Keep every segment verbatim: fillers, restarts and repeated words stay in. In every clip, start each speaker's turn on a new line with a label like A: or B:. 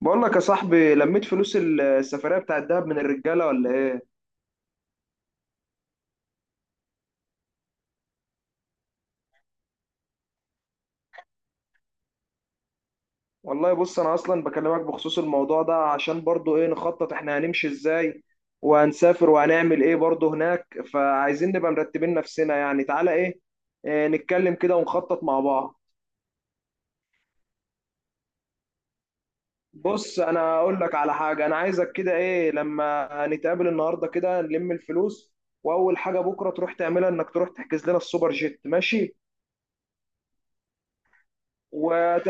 A: بقول لك يا صاحبي، لميت فلوس السفرية بتاعت دهب من الرجالة ولا ايه؟ والله بص، انا اصلا بكلمك بخصوص الموضوع ده عشان برضو ايه، نخطط احنا هنمشي ازاي وهنسافر وهنعمل ايه برضو هناك. فعايزين نبقى مرتبين نفسنا، يعني تعالى ايه, إيه نتكلم كده ونخطط مع بعض. بص انا اقول لك على حاجة، انا عايزك كده ايه لما نتقابل النهاردة كده نلم الفلوس، واول حاجة بكرة تروح تعملها انك تروح تحجز لنا السوبر جيت، ماشي؟ وت...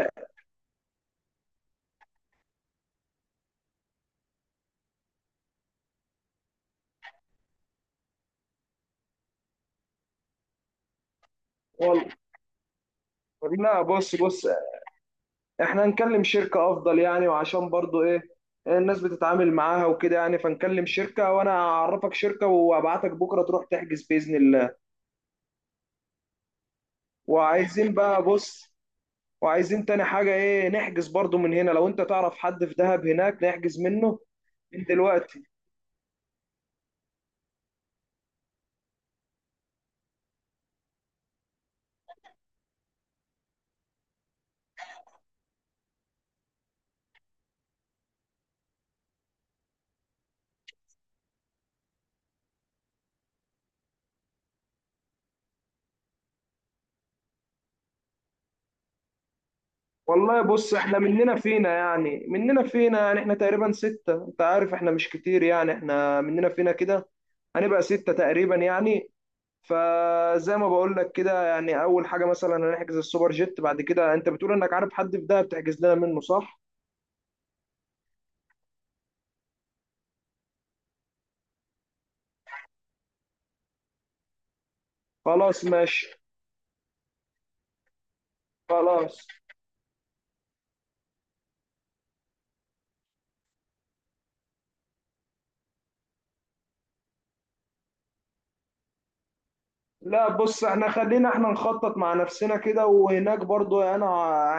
A: والله لا بص بص احنا هنكلم شركة افضل يعني، وعشان برضو ايه، الناس بتتعامل معاها وكده يعني، فنكلم شركة وانا اعرفك شركة وابعتك بكرة تروح تحجز بإذن الله. وعايزين بقى، بص، وعايزين تاني حاجة ايه، نحجز برضو من هنا لو انت تعرف حد في دهب هناك نحجز منه من دلوقتي. والله بص، احنا مننا فينا يعني مننا فينا يعني احنا تقريبا ستة، انت عارف احنا مش كتير يعني، احنا مننا فينا كده، هنبقى ستة تقريبا يعني. فزي ما بقول لك كده يعني، اول حاجه مثلا هنحجز السوبر جيت، بعد كده انت بتقول انك عارف حد في دهب تحجز لنا منه، صح؟ خلاص ماشي. خلاص. لا بص، احنا خلينا احنا نخطط مع نفسنا كده، وهناك برضو انا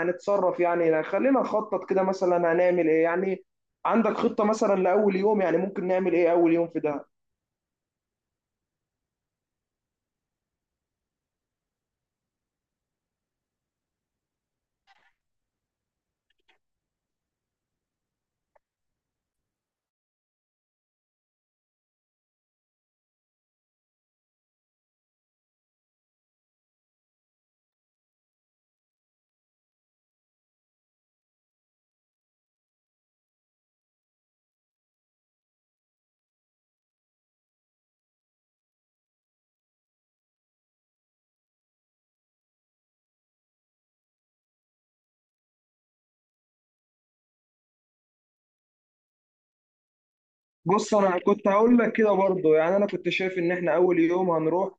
A: هنتصرف يعني. يعني خلينا نخطط كده مثلا هنعمل ايه يعني، عندك خطه مثلا لاول يوم؟ يعني ممكن نعمل ايه اول يوم في دهب؟ بص، انا كنت هقول لك كده برضو يعني، انا كنت شايف ان احنا اول يوم هنروح.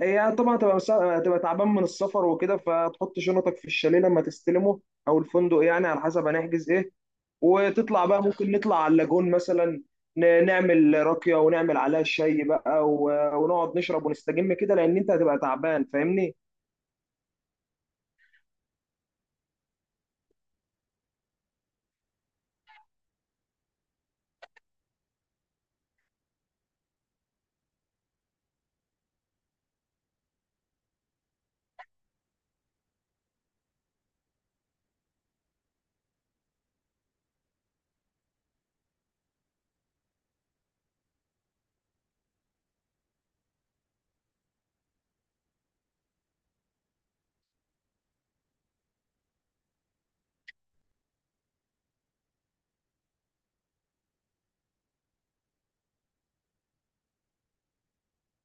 A: هي طبعا تبقى، تبقى تعبان من السفر وكده، فتحط شنطك في الشاليه لما تستلمه او الفندق، يعني على حسب هنحجز ايه. وتطلع بقى، ممكن نطلع على اللاجون مثلا، ن- نعمل راكية ونعمل عليها شاي بقى و- ونقعد نشرب ونستجم كده، لان انت هتبقى تعبان، فاهمني؟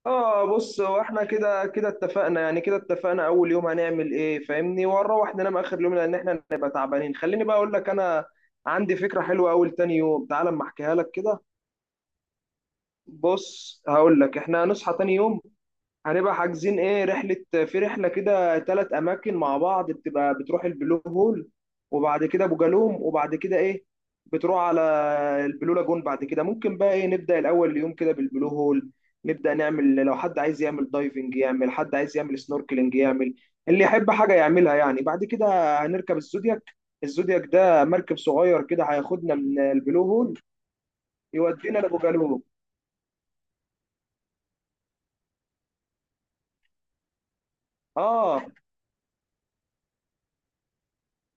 A: اه بص، هو احنا كده كده اتفقنا، يعني كده اتفقنا اول يوم هنعمل ايه، فاهمني؟ ونروح ننام اخر يوم لان احنا هنبقى تعبانين. خليني بقى اقول لك، انا عندي فكرة حلوة اول تاني يوم، تعال اما احكيها لك كده. بص هقول لك، احنا هنصحى تاني يوم، هنبقى حاجزين ايه، رحلة في رحلة كده، ثلاث أماكن مع بعض، بتبقى بتروح البلو هول وبعد كده أبو جالوم وبعد كده ايه، بتروح على البلو لاجون. بعد كده ممكن بقى ايه، نبدأ الأول يوم كده بالبلو هول، نبدأ نعمل لو حد عايز يعمل دايفنج يعمل، حد عايز يعمل سنوركلينج يعمل، اللي يحب حاجة يعملها يعني. بعد كده هنركب الزودياك، الزودياك ده مركب صغير كده، هياخدنا من البلو هول يودينا لأبو جالوم. اه،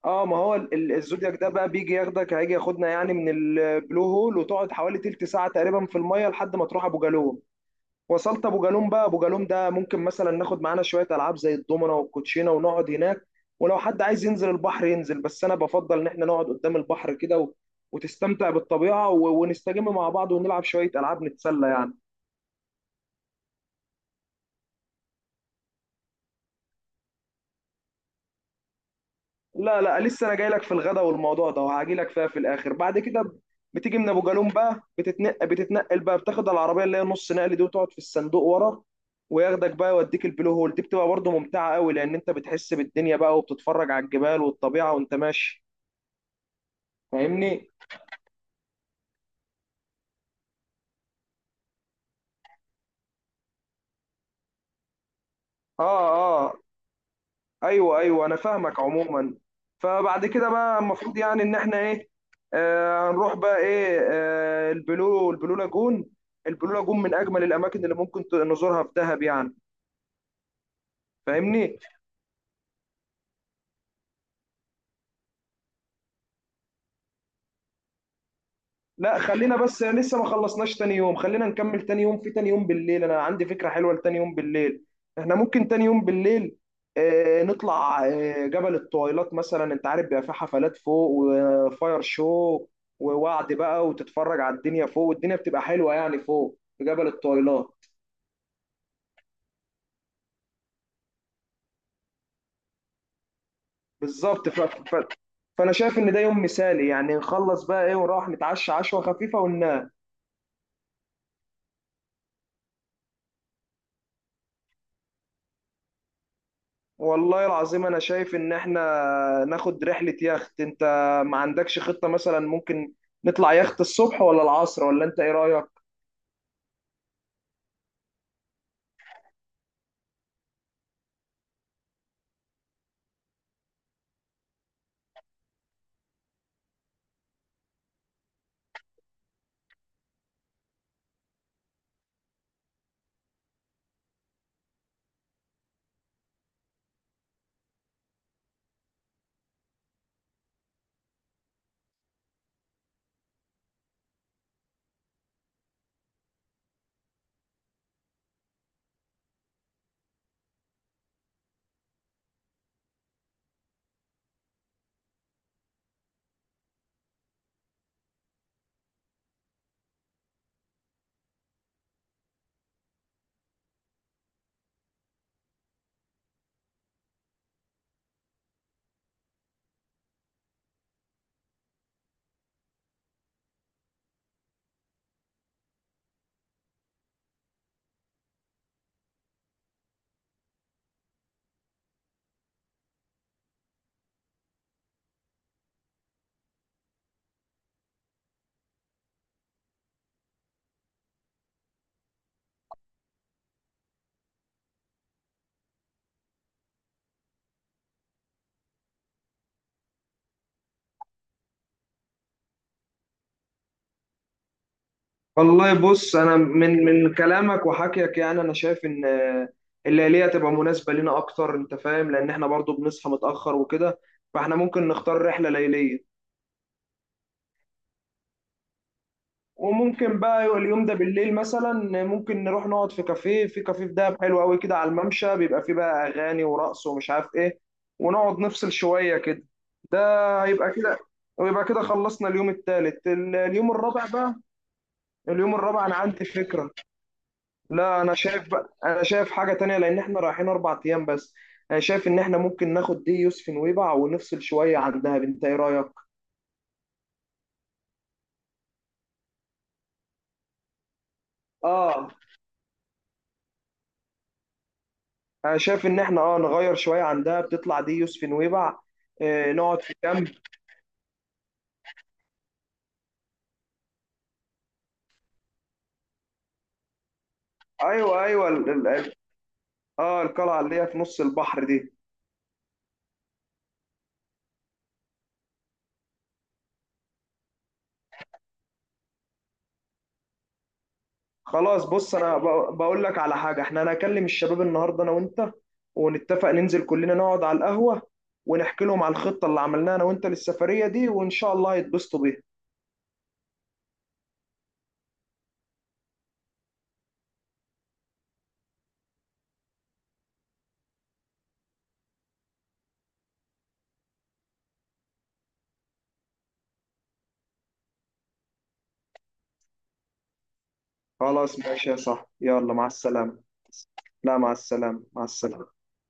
A: اه ما هو ال- ال- الزودياك ده بقى بيجي ياخدك، هيجي ياخدنا يعني من البلو هول، وتقعد حوالي تلت ساعة تقريبا في المية لحد ما تروح ابو جالوم. وصلت ابو جالوم بقى، ابو جالوم ده ممكن مثلا ناخد معانا شوية العاب زي الضمنة والكوتشينة ونقعد هناك، ولو حد عايز ينزل البحر ينزل، بس انا بفضل ان احنا نقعد قدام البحر كده و- وتستمتع بالطبيعة و- ونستجم مع بعض ونلعب شوية العاب نتسلى يعني. لا لا، لسه انا جاي لك في الغدا والموضوع ده، وهاجي لك فيها في الاخر بعد كده ب- بتيجي من ابو جالوم بقى، بتتنقل بتتنقل بقى، بتاخد العربيه اللي هي نص نقل دي وتقعد في الصندوق ورا، وياخدك بقى يوديك البلو هول. دي بتبقى برضه ممتعه قوي، لان انت بتحس بالدنيا بقى وبتتفرج على الجبال والطبيعه وانت ماشي، فاهمني؟ اه. آه. ايوه ايوه، انا فاهمك عموما. فبعد كده بقى، المفروض يعني ان احنا ايه، آه هنروح بقى ايه، آه البلو البلو لاجون. البلو لاجون من اجمل الاماكن اللي ممكن ت- نزورها في دهب يعني، فاهمني؟ لا خلينا بس، لسه ما خلصناش تاني يوم، خلينا نكمل تاني يوم. في تاني يوم بالليل انا عندي فكرة حلوة لتاني يوم بالليل، احنا ممكن تاني يوم بالليل آه، نطلع آه، جبل الطويلات مثلا. انت عارف بيبقى فيه حفلات فوق وفاير شو ووعد بقى، وتتفرج على الدنيا فوق، والدنيا بتبقى حلوة يعني فوق في جبل الطويلات. بالظبط. ف... ف... فانا شايف ان ده يوم مثالي يعني، نخلص بقى ايه ونروح نتعشى عشوة خفيفة وننام. والله العظيم انا شايف ان احنا ناخد رحلة يخت، انت ما عندكش خطة مثلا؟ ممكن نطلع يخت الصبح ولا العصر؟ ولا انت ايه رأيك؟ والله بص، انا من من كلامك وحكيك يعني، انا شايف ان الليلية تبقى مناسبة لنا اكتر، انت فاهم؟ لان احنا برضو بنصحى متأخر وكده، فاحنا ممكن نختار رحلة ليلية. وممكن بقى يبقى اليوم ده بالليل مثلا، ممكن نروح نقعد في كافيه، في كافيه في دهب حلو قوي كده على الممشى، بيبقى فيه بقى اغاني ورقص ومش عارف ايه، ونقعد نفصل شوية كده. هيبقى كده، ويبقى كده خلصنا اليوم الثالث. اليوم الرابع بقى، اليوم الرابع انا عندي فكرة. لا انا شايف بقى، انا شايف حاجة تانية، لان احنا رايحين اربع ايام بس. انا شايف ان احنا ممكن ناخد دي يوسف نويبع ونفصل شوية عن دهب، انت ايه رأيك؟ اه، انا شايف ان احنا اه نغير شوية عن دهب، تطلع دي يوسف نويبع، آه نقعد في كامب. ايوه ايوه، ال- ال- ال- اه القلعة اللي هي في نص البحر دي. خلاص بص، انا ب- بقول لك على حاجه، احنا هنكلم الشباب النهارده انا وانت، ونتفق ننزل كلنا نقعد على القهوه، ونحكي لهم على الخطه اللي عملناها انا وانت للسفريه دي، وان شاء الله هيتبسطوا بيها. خلاص ماشي يا صاحبي، يلا مع السلامه. لا، مع السلامه، مع السلامه.